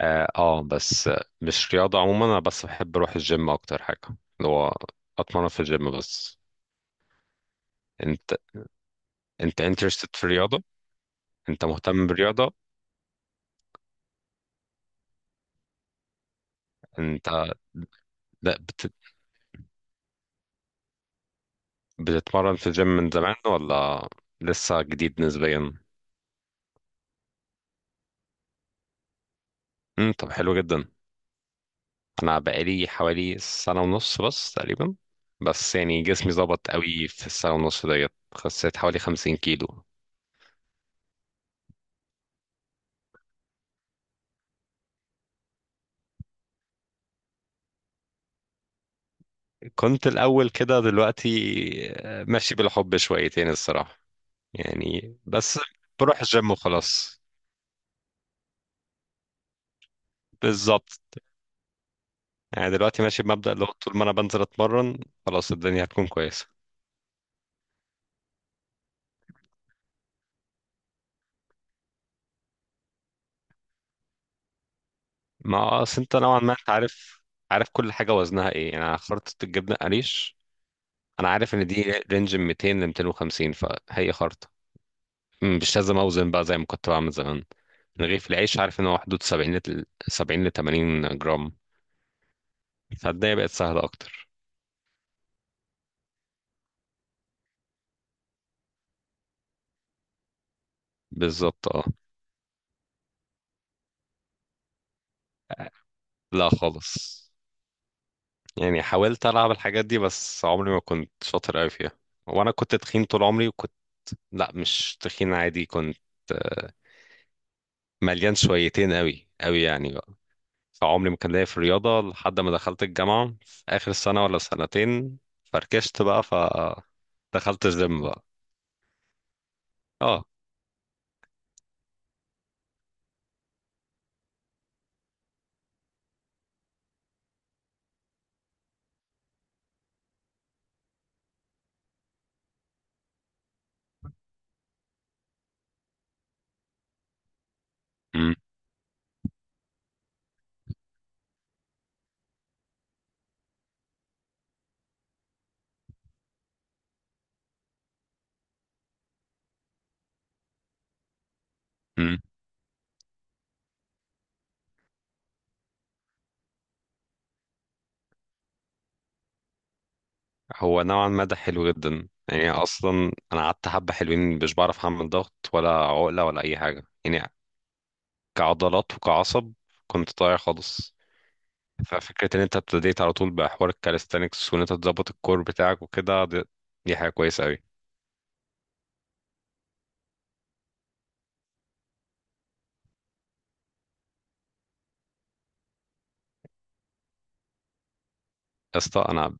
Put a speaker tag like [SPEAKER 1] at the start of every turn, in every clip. [SPEAKER 1] اه، بس مش رياضة عموما، انا بس بحب اروح الجيم اكتر حاجة اللي هو اتمرن في الجيم بس. انت انت انترستد في الرياضة، انت مهتم بالرياضة؟ انت لا بت... بتتمرن في الجيم من زمان ولا لسه جديد نسبيا؟ طب حلو جدا. انا بقالي حوالي سنة ونص بس تقريبا، بس يعني جسمي ظبط قوي في السنة ونص ديت، خسيت حوالي 50 كيلو. كنت الأول كده دلوقتي ماشي بالحب شويتين الصراحة يعني بس. بروح الجيم وخلاص. بالظبط، يعني دلوقتي ماشي بمبدأ لو طول ما انا بنزل اتمرن خلاص الدنيا هتكون كويسة. ما اصل انت نوعا ما انت عارف، عارف كل حاجة وزنها ايه. يعني أنا خرطة الجبنة قريش انا عارف ان دي رينج من 200 ل 250 فهي خرطة. مش لازم اوزن بقى زي ما كنت بعمل زمان. رغيف العيش عارف ان هو حدود 70 ل 80 جرام، فالدنيا بقت سهلة اكتر. بالظبط اه. لا خالص، يعني حاولت ألعب الحاجات دي بس عمري ما كنت شاطر أوي فيها. وأنا كنت تخين طول عمري وكنت، لأ مش تخين عادي، كنت آه، مليان شويتين أوي أوي يعني بقى. فعمري ما كان ليا في الرياضة لحد ما دخلت الجامعة في آخر سنة ولا سنتين، فركشت بقى فدخلت الجيم بقى. اه. مم. مم. هو نوعا ما ده حلو جدا، يعني أصلا أنا قعدت حبة حلوين مش بعرف أعمل ضغط ولا عقلة ولا أي حاجة يعني، كعضلات وكعصب، كنت ضايع خالص. ففكرة ان انت ابتديت على طول بحوار الكاليستانكس وان انت تظبط الكور بتاعك وكده دي، دي حاجة كويسة قوي يا اسطى. انا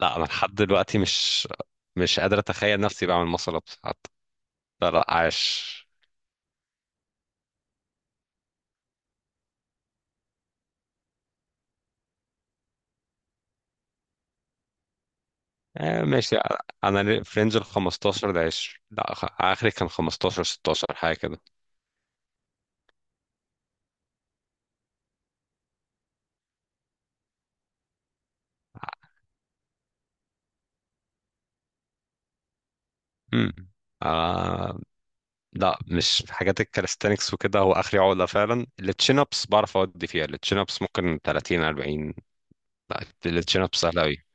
[SPEAKER 1] لا، انا لحد دلوقتي مش قادر اتخيل نفسي بعمل مصل ابس حتى. لا لا عاش. ماشي. انا في رينج ال 15 ل 20. لا اخري كان 15 16 حاجة كده. امم آه. لا مش في حاجات الكاليستانكس وكده، هو اخري عقله فعلا. التشين ابس بعرف اودي فيها، التشين ابس ممكن 30 40. لا التشين ابس سهله قوي.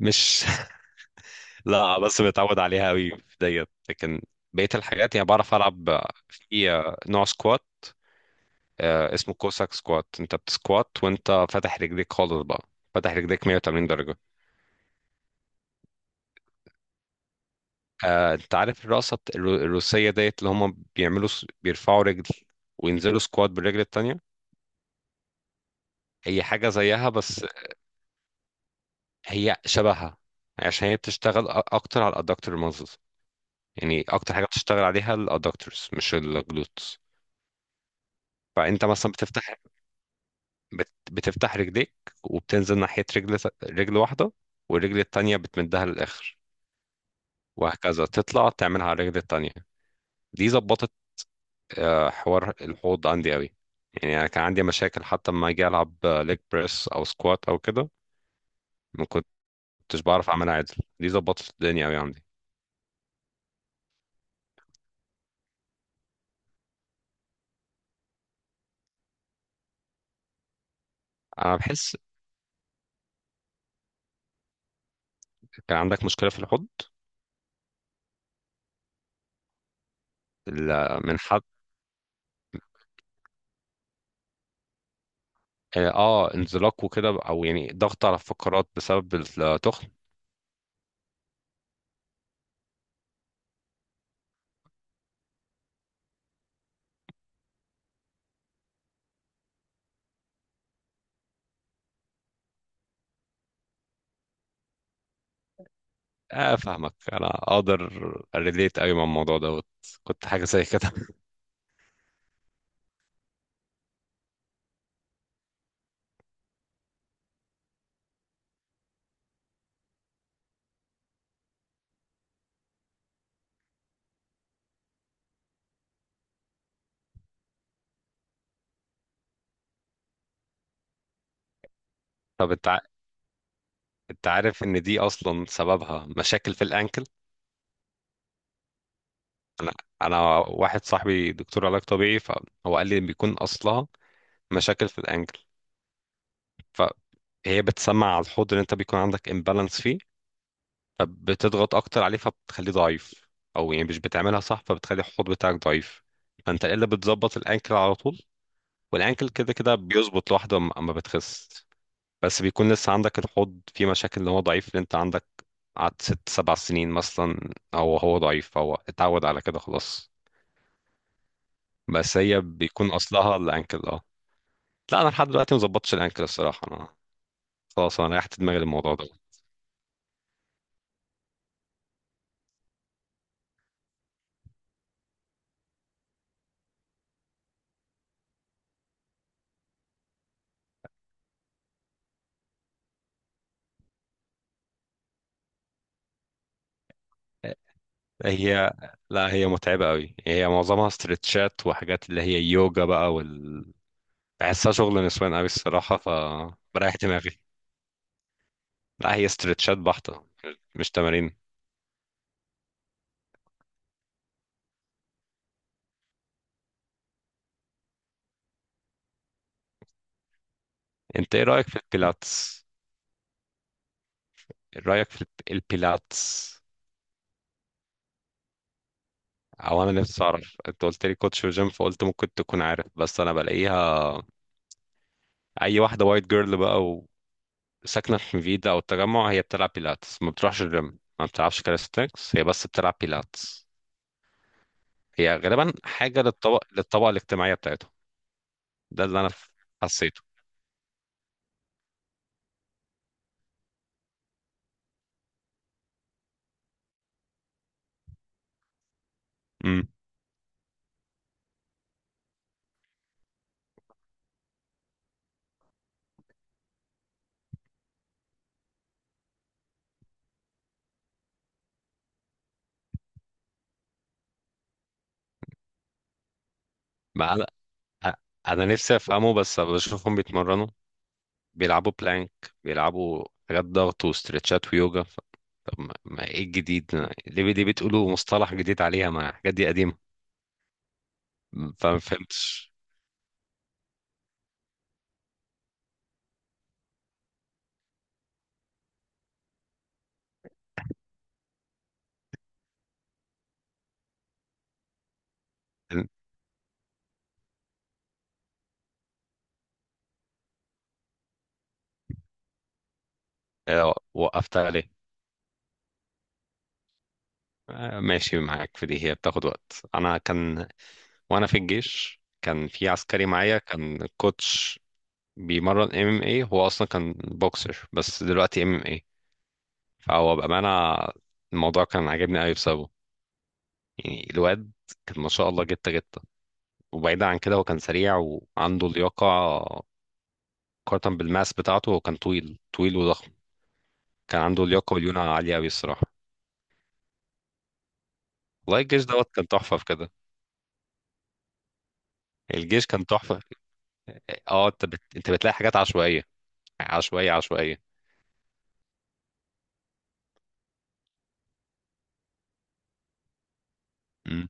[SPEAKER 1] مش، لا بس متعود عليها قوي في ديت، لكن بقية الحاجات يعني بعرف ألعب. في نوع سكوات، اسمه كوساك سكوات، انت بتسكوات وانت فاتح رجليك خالص بقى، فاتح رجليك 180 درجة. انت عارف الرقصة الروسية ديت اللي هم بيرفعوا رجل وينزلوا سكوات بالرجل التانية؟ هي حاجة زيها بس، هي شبهها، عشان هي بتشتغل أكتر على الأدكتور مازلز. يعني أكتر حاجة بتشتغل عليها الأدكتورز مش الجلوتس. فأنت مثلا بتفتح، بتفتح رجليك، وبتنزل ناحية رجل، رجل واحدة، والرجل التانية بتمدها للآخر، وهكذا تطلع تعملها على الرجل التانية. دي ظبطت حوار الحوض عندي قوي. يعني أنا كان عندي مشاكل حتى لما أجي ألعب ليج بريس أو سكوات أو كده ما كنتش بعرف أعملها عدل. دي ظبطت الدنيا قوي عندي. أنا بحس كان عندك مشكلة في الحوض. من حد؟ اه انزلاق وكده، او يعني ضغط على الفقرات بسبب التخن. اه فاهمك، انا اقدر ريليت قوي مع الموضوع دوت، كنت حاجه زي كده طب انت ع- انت عارف ان دي اصلا سببها مشاكل في الانكل. انا انا واحد صاحبي دكتور علاج طبيعي، فهو قال لي ان بيكون اصلها مشاكل في الانكل. فهي بتسمع على الحوض اللي انت بيكون عندك امبالانس فيه، فبتضغط اكتر عليه فبتخليه ضعيف. او يعني مش بتعملها صح فبتخلي الحوض بتاعك ضعيف. فانت الا بتظبط الانكل على طول، والانكل كده كده بيظبط لوحده اما بتخس. بس بيكون لسه عندك الحوض فيه مشاكل، اللي هو ضعيف اللي انت عندك قعدت ست سبع سنين مثلا او هو ضعيف فهو اتعود على كده خلاص. بس هي بيكون اصلها الانكل اه. لا انا لحد دلوقتي مظبطش الانكل الصراحه، انا خلاص انا ريحت دماغي للموضوع ده. هي لا، هي متعبه قوي، هي معظمها استرتشات وحاجات اللي هي يوجا بقى وال، بحسها شغل نسوان قوي الصراحه فبريح دماغي. لا هي استرتشات بحته، مش تمارين. انت ايه رايك في البيلاتس؟ رأيك في البيلاتس؟ او انا نفسي اعرف، انت قلت لي كوتش وجيم فقلت ممكن تكون عارف، بس انا بلاقيها اي واحدة وايت جيرل بقى وساكنة في حميدة او التجمع هي بتلعب بيلاتس، ما بتروحش الجيم، ما بتلعبش كاليستنكس، هي بس بتلعب بيلاتس. هي غالبا حاجة للطبقة الاجتماعية بتاعتهم. ده اللي انا حسيته. امم. ما انا أ- انا نفسي افهمه، بس بشوفهم بيتمرنوا، بيلعبوا بلانك، بيلعبوا حاجات ضغط وستريتشات ويوجا. طب ما ما ايه الجديد؟ ليه ليه بتقولوا مصطلح جديد عليها، ما الحاجات دي قديمة؟ فما فهمتش. وقفت عليه؟ ماشي معاك في دي، هي بتاخد وقت. انا كان، وانا في الجيش كان في عسكري معايا كان كوتش بيمرن ام ام اي، هو اصلا كان بوكسر بس دلوقتي ام ام اي. فهو بأمانة الموضوع كان عاجبني قوي بسببه. يعني الواد كان ما شاء الله جته جته. وبعيدا عن كده، هو كان سريع وعنده لياقة، مقارنة بالماس بتاعته، هو كان طويل طويل وضخم. كان عنده لياقة وليونة عالية أوي الصراحة. والله الجيش دوت كان تحفة في كده. الجيش كان تحفة. اه، انت انت بتلاقي حاجات عشوائية عشوائية عشوائية. امم.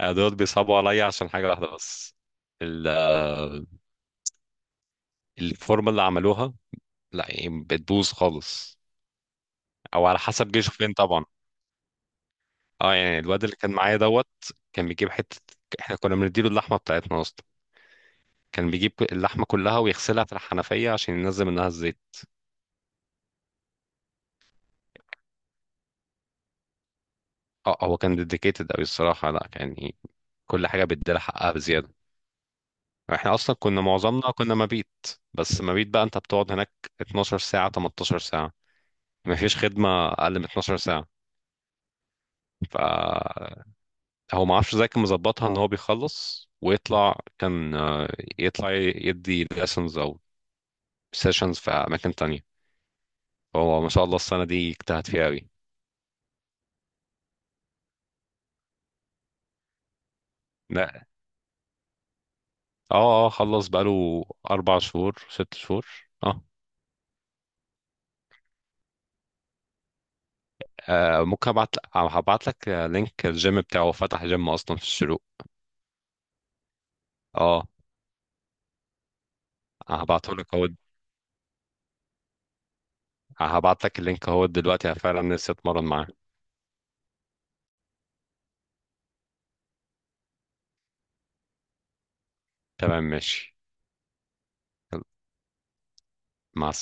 [SPEAKER 1] أنا دوت بيصعبوا عليا عشان حاجة واحدة بس، ال... الفورمة اللي عملوها، لا يعني بتبوظ خالص، أو على حسب جيشه فين طبعا. اه يعني الواد اللي كان معايا دوت كان بيجيب حتة، احنا كنا بنديله اللحمة بتاعتنا أصلا، كان بيجيب اللحمة كلها ويغسلها في الحنفية عشان ينزل منها الزيت. اه هو كان ديديكيتد أوي الصراحة، لا يعني كل حاجة بيديلها حقها بزيادة. احنا اصلا كنا معظمنا كنا مبيت. بس مبيت بقى انت بتقعد هناك 12 ساعة 18 ساعة، مفيش خدمة اقل من 12 ساعة. ف، هو ما اعرفش ازاي كان مظبطها ان هو بيخلص ويطلع، كان يطلع يدي lessons او سيشنز في اماكن تانية. هو ما شاء الله السنة دي اجتهد فيها قوي. لا اه. اه خلص بقاله اربع شهور، ست شهور، اه. ممكن ابعت، هبعت لك لينك الجيم بتاعه، فتح جيم اصلا في الشروق. اه. هبعته لك اهو، هبعت لك اللينك اهو دلوقتي، أنا فعلا نفسي اتمرن معاه. تمام ماشي. يلا، مع السلامة.